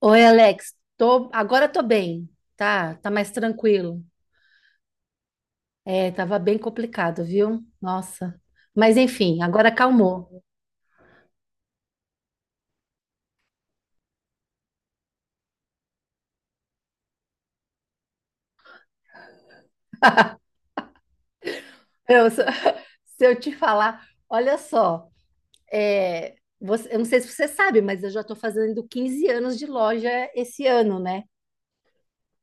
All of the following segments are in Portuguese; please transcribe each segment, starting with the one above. Oi, Alex. Agora tô bem, tá? Tá mais tranquilo. É, tava bem complicado, viu? Nossa. Mas enfim, agora acalmou. Se se eu te falar, olha só, eu não sei se você sabe, mas eu já tô fazendo 15 anos de loja esse ano, né?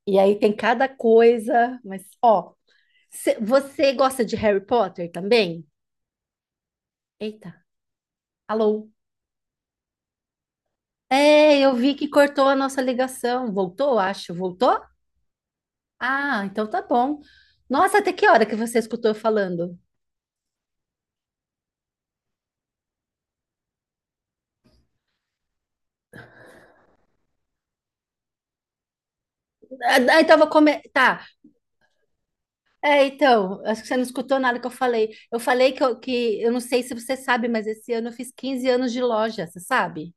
E aí tem cada coisa, mas ó, você gosta de Harry Potter também? Eita, alô? É, eu vi que cortou a nossa ligação. Voltou, acho. Voltou? Ah, então tá bom. Nossa, até que hora que você escutou eu falando? Ah, então eu vou comer. Tá. É, então, acho que você não escutou nada que eu falei. Eu falei que que eu não sei se você sabe, mas esse ano eu fiz 15 anos de loja, você sabe?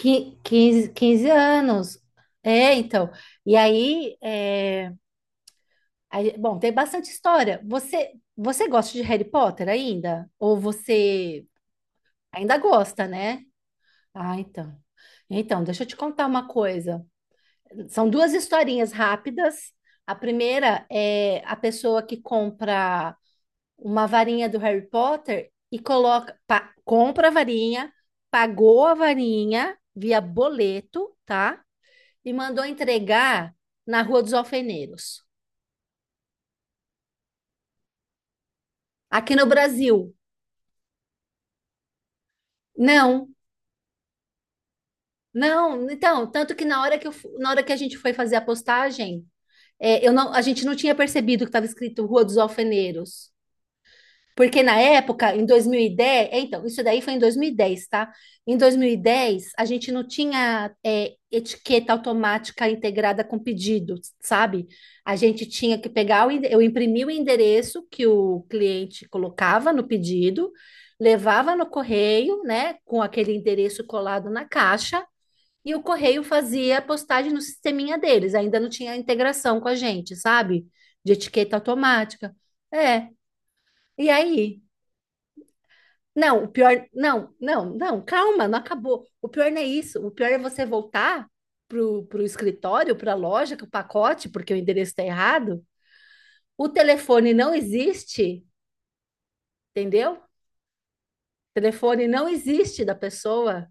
15, 15 anos. É, então. E aí, bom, tem bastante história. Você gosta de Harry Potter ainda? Ou você ainda gosta, né? Ah, então. Então, deixa eu te contar uma coisa. São duas historinhas rápidas. A primeira é a pessoa que compra uma varinha do Harry Potter e compra a varinha, pagou a varinha via boleto, tá? E mandou entregar na Rua dos Alfeneiros. Aqui no Brasil, não, não. Então, tanto que na hora que a gente foi fazer a postagem, é, eu não, a gente não tinha percebido que estava escrito Rua dos Alfeneiros. Porque na época, em 2010, é, então, isso daí foi em 2010, tá? Em 2010, a gente não tinha etiqueta automática integrada com pedido, sabe? A gente tinha que eu imprimi o endereço que o cliente colocava no pedido, levava no correio, né, com aquele endereço colado na caixa, e o correio fazia a postagem no sisteminha deles. Ainda não tinha integração com a gente, sabe? De etiqueta automática. É. E aí? Não, o pior. Não, não, não, calma, não acabou. O pior não é isso. O pior é você voltar pro escritório, para a loja, com o pacote, porque o endereço está errado. O telefone não existe, entendeu? O telefone não existe da pessoa.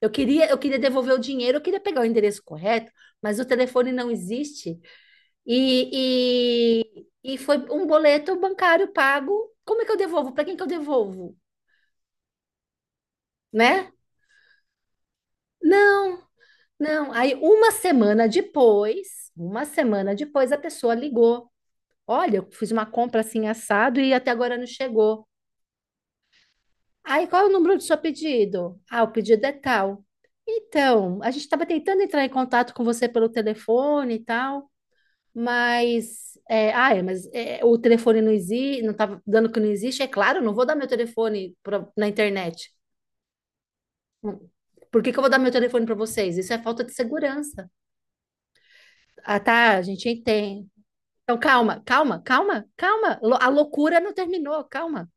Eu queria devolver o dinheiro, eu queria pegar o endereço correto, mas o telefone não existe. E foi um boleto bancário pago. Como é que eu devolvo? Para quem que eu devolvo? Né? Não. Não, aí uma semana depois a pessoa ligou. Olha, eu fiz uma compra assim assado e até agora não chegou. Aí qual é o número do seu pedido? Ah, o pedido é tal. Então, a gente estava tentando entrar em contato com você pelo telefone e tal, mas o telefone não existe, não estava dando que não existe. É claro, eu não vou dar meu telefone na internet. Por que que eu vou dar meu telefone para vocês? Isso é falta de segurança. Ah, tá, a gente entende. Então, calma, calma, calma, calma. A loucura não terminou, calma.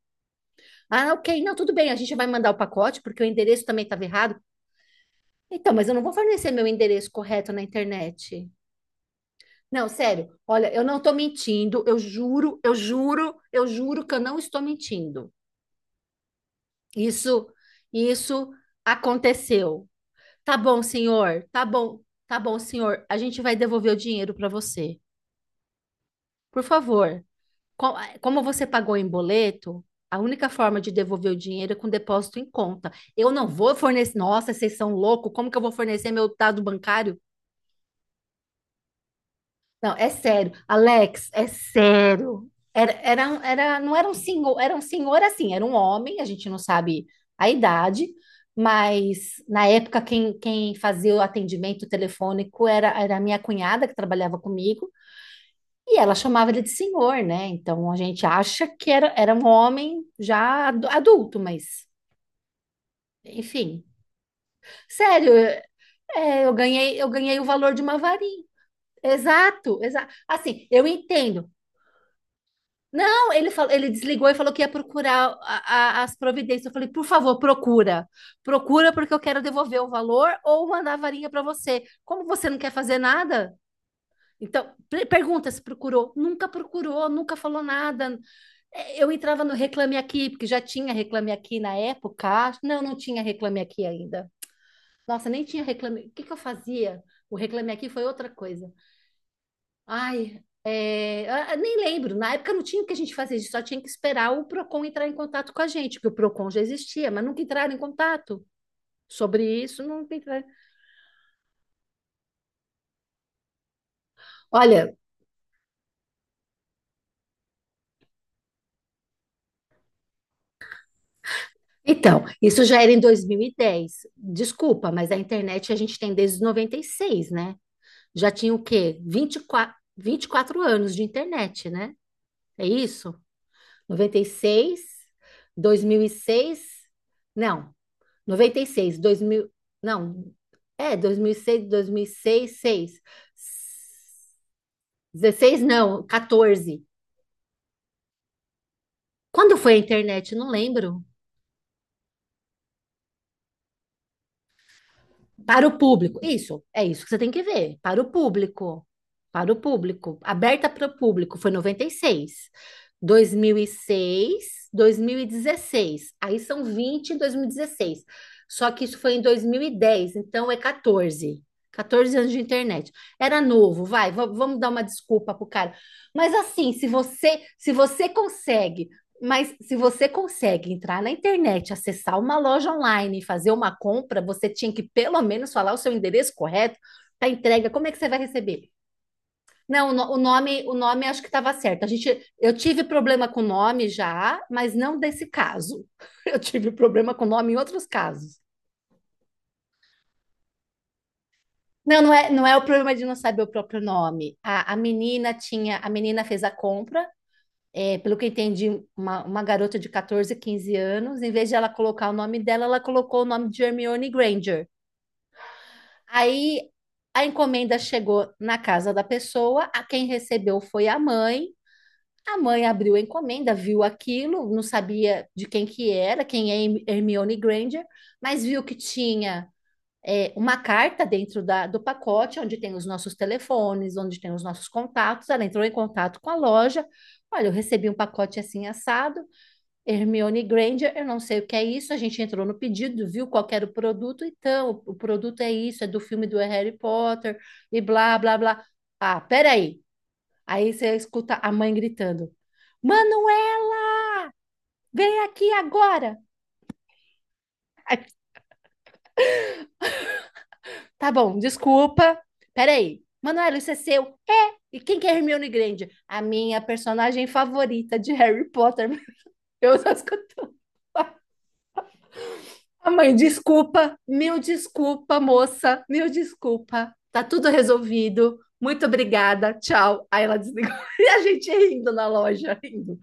Ah, ok, não, tudo bem, a gente vai mandar o pacote, porque o endereço também estava errado. Então, mas eu não vou fornecer meu endereço correto na internet. Não, sério, olha, eu não estou mentindo, eu juro, eu juro, eu juro que eu não estou mentindo. Isso, isso aconteceu. Tá bom, senhor, tá bom, tá bom, senhor, a gente vai devolver o dinheiro para você. Por favor. Como você pagou em boleto, a única forma de devolver o dinheiro é com depósito em conta. Eu não vou fornecer. Nossa, vocês são loucos. Como que eu vou fornecer meu dado bancário? Não, é sério. Alex, é sério. Não era um senhor, era um senhor assim, era um homem, a gente não sabe a idade, mas na época quem fazia o atendimento telefônico era a minha cunhada que trabalhava comigo. E ela chamava ele de senhor, né? Então a gente acha que era um homem já adulto, mas enfim. Sério, eu ganhei o valor de uma varinha. Exato, exato. Assim, eu entendo. Não, ele falou, ele desligou e falou que ia procurar as providências. Eu falei, por favor, procura. Procura porque eu quero devolver o valor ou mandar a varinha para você. Como você não quer fazer nada? Então, pergunta se procurou. Nunca procurou, nunca falou nada. Eu entrava no Reclame Aqui, porque já tinha Reclame Aqui na época. Não, não tinha Reclame Aqui ainda. Nossa, nem tinha Reclame. O que que eu fazia? O Reclame Aqui foi outra coisa. Ai, nem lembro, na época não tinha o que a gente fazer, a gente só tinha que esperar o PROCON entrar em contato com a gente, porque o PROCON já existia, mas nunca entraram em contato sobre isso, não, entraram. Olha, então, isso já era em 2010. Desculpa, mas a internet a gente tem desde os 96, né? Já tinha o quê? Vinte e quatro anos de internet, né? É isso? 96, 2006? Não. 96, dois mil? Não, é 2006, seis, seis, 16? Não, 14. Quando foi a internet? Não lembro. Para o público. Isso, é isso que você tem que ver. Para o público. Para o público. Aberta para o público. Foi noventa e seis, dois mil e seis, 2016. Aí são 20 em 2016. Só que isso foi em 2010, então é 14. 14 anos de internet. Era novo, vamos dar uma desculpa pro cara. Mas assim, se você consegue entrar na internet, acessar uma loja online e fazer uma compra, você tinha que pelo menos falar o seu endereço correto para entrega. Como é que você vai receber? Não, o no- o nome acho que estava certo. Eu tive problema com o nome já, mas não desse caso. Eu tive problema com o nome em outros casos. Não, não é o problema de não saber o próprio nome. A menina fez a compra, pelo que eu entendi, uma garota de 14, 15 anos, em vez de ela colocar o nome dela, ela colocou o nome de Hermione Granger. Aí a encomenda chegou na casa da pessoa, a quem recebeu foi a mãe. A mãe abriu a encomenda, viu aquilo, não sabia de quem que era, quem é Hermione Granger, mas viu que tinha uma carta dentro do pacote, onde tem os nossos telefones, onde tem os nossos contatos. Ela entrou em contato com a loja. Olha, eu recebi um pacote assim assado. Hermione Granger, eu não sei o que é isso. A gente entrou no pedido, viu qual que era o produto, então o produto é isso, é do filme do Harry Potter e blá blá blá. Ah, peraí. Aí você escuta a mãe gritando: Manoel, vem aqui agora. Ai, tá bom, desculpa. Peraí. Manoel, isso é seu? É. E quem que é Hermione Granger? A minha personagem favorita de Harry Potter. Eu só escutei. A mãe, desculpa, mil desculpa, moça, mil desculpa. Tá tudo resolvido. Muito obrigada, tchau. Aí ela desligou. E a gente rindo na loja, rindo.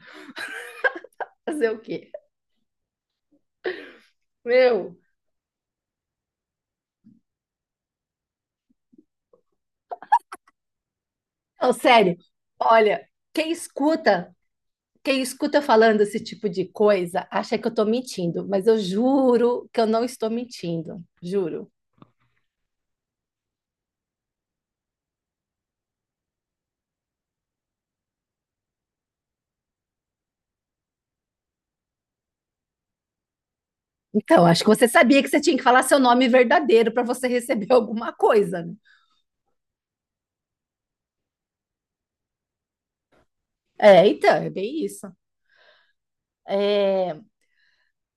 Fazer o quê? Meu, não, sério. Olha, quem escuta, quem escuta eu falando esse tipo de coisa, acha que eu tô mentindo, mas eu juro que eu não estou mentindo, juro. Então, acho que você sabia que você tinha que falar seu nome verdadeiro para você receber alguma coisa, né? É, então, é bem isso. É,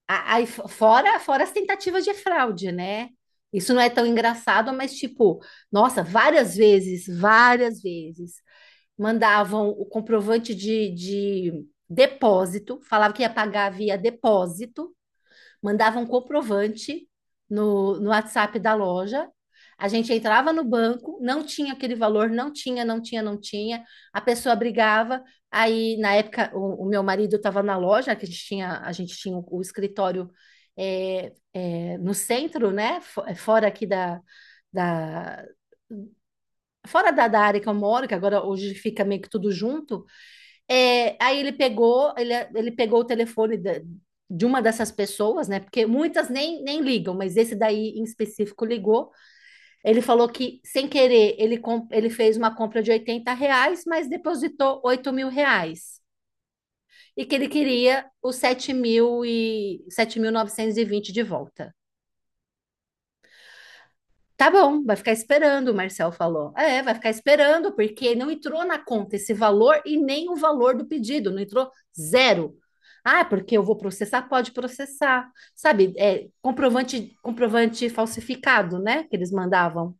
Aí, fora as tentativas de fraude, né? Isso não é tão engraçado, mas tipo, nossa, várias vezes, mandavam o comprovante de depósito, falava que ia pagar via depósito, mandava um comprovante no WhatsApp da loja. A gente entrava no banco, não tinha aquele valor, não tinha, não tinha, não tinha. A pessoa brigava. Aí, na época, o meu marido estava na loja, que a gente tinha, a gente tinha o escritório no centro, né? Fora aqui da, da área que eu moro, que agora hoje fica meio que tudo junto. É, aí ele pegou o telefone de uma dessas pessoas, né? Porque muitas nem ligam, mas esse daí em específico ligou. Ele falou que, sem querer, ele fez uma compra de R$ 80, mas depositou R$ 8.000. E que ele queria os sete mil novecentos e vinte de volta. Tá bom, vai ficar esperando, o Marcel falou. É, vai ficar esperando, porque não entrou na conta esse valor e nem o valor do pedido, não entrou zero. Ah, porque eu vou processar? Pode processar. Sabe, comprovante falsificado, né? Que eles mandavam.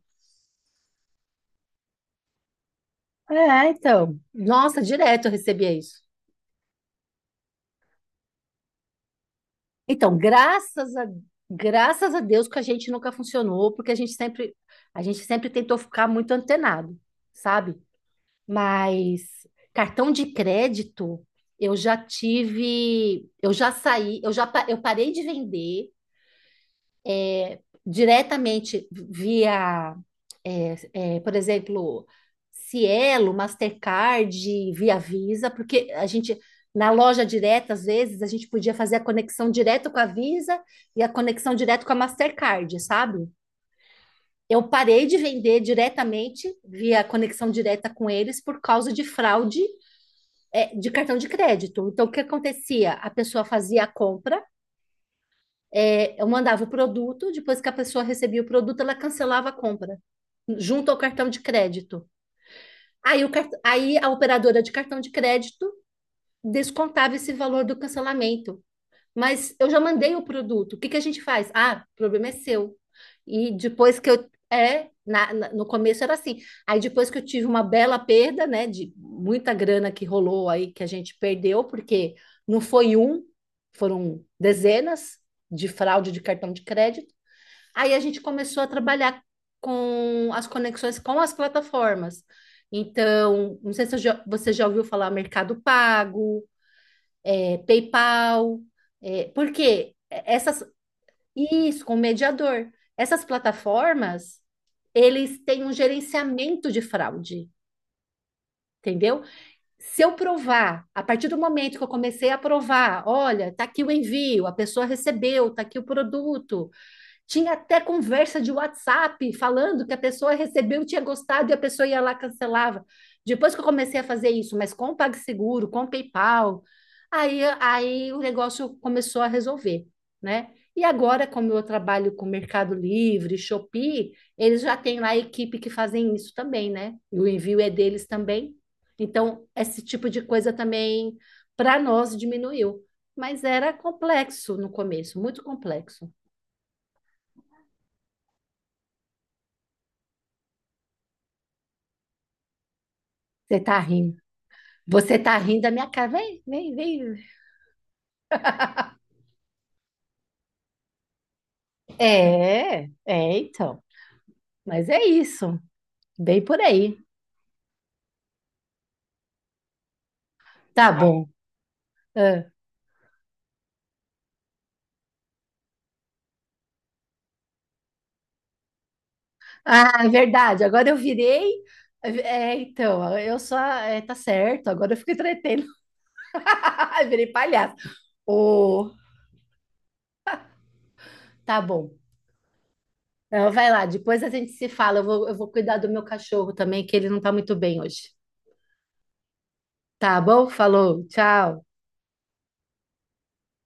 É, então. Nossa, direto eu recebia isso. Então, graças a Deus que a gente nunca funcionou, porque a gente sempre tentou ficar muito antenado, sabe? Mas cartão de crédito, eu já tive, eu já saí, eu já pa- eu parei de vender diretamente via, por exemplo, Cielo, Mastercard, via Visa, porque a gente na loja direta, às vezes, a gente podia fazer a conexão direto com a Visa e a conexão direto com a Mastercard, sabe? Eu parei de vender diretamente via conexão direta com eles por causa de fraude, de cartão de crédito. Então, o que acontecia? A pessoa fazia a compra, eu mandava o produto, depois que a pessoa recebia o produto, ela cancelava a compra, junto ao cartão de crédito. Aí, aí a operadora de cartão de crédito descontava esse valor do cancelamento. Mas eu já mandei o produto. O que que a gente faz? Ah, o problema é seu. E depois que eu. É, no começo era assim. Aí depois que eu tive uma bela perda, né, de muita grana que rolou aí, que a gente perdeu, porque não foi um, foram dezenas de fraude de cartão de crédito. Aí a gente começou a trabalhar com as conexões com as plataformas. Então, não sei se você já ouviu falar Mercado Pago, PayPal, porque essas, isso, com mediador. Essas plataformas, eles têm um gerenciamento de fraude, entendeu? Se eu provar, a partir do momento que eu comecei a provar, olha, tá aqui o envio, a pessoa recebeu, tá aqui o produto, tinha até conversa de WhatsApp falando que a pessoa recebeu, tinha gostado e a pessoa ia lá e cancelava. Depois que eu comecei a fazer isso, mas com o PagSeguro, com o PayPal, aí o negócio começou a resolver, né? E agora, como eu trabalho com Mercado Livre, Shopee, eles já têm lá a equipe que fazem isso também, né? E o envio é deles também. Então, esse tipo de coisa também, para nós, diminuiu. Mas era complexo no começo, muito complexo. Você tá rindo. Você tá rindo da minha cara. Vem, vem, vem. Então, mas é isso. Bem por aí. Tá. Ah, bom. Ah, Ah, é verdade. Agora eu virei. É, então, eu só. É, tá certo. Agora eu fico entretendo. Virei palhaço. Ô, tá bom. Então, vai lá. Depois a gente se fala. Eu vou cuidar do meu cachorro também, que ele não tá muito bem hoje. Tá bom? Falou. Tchau.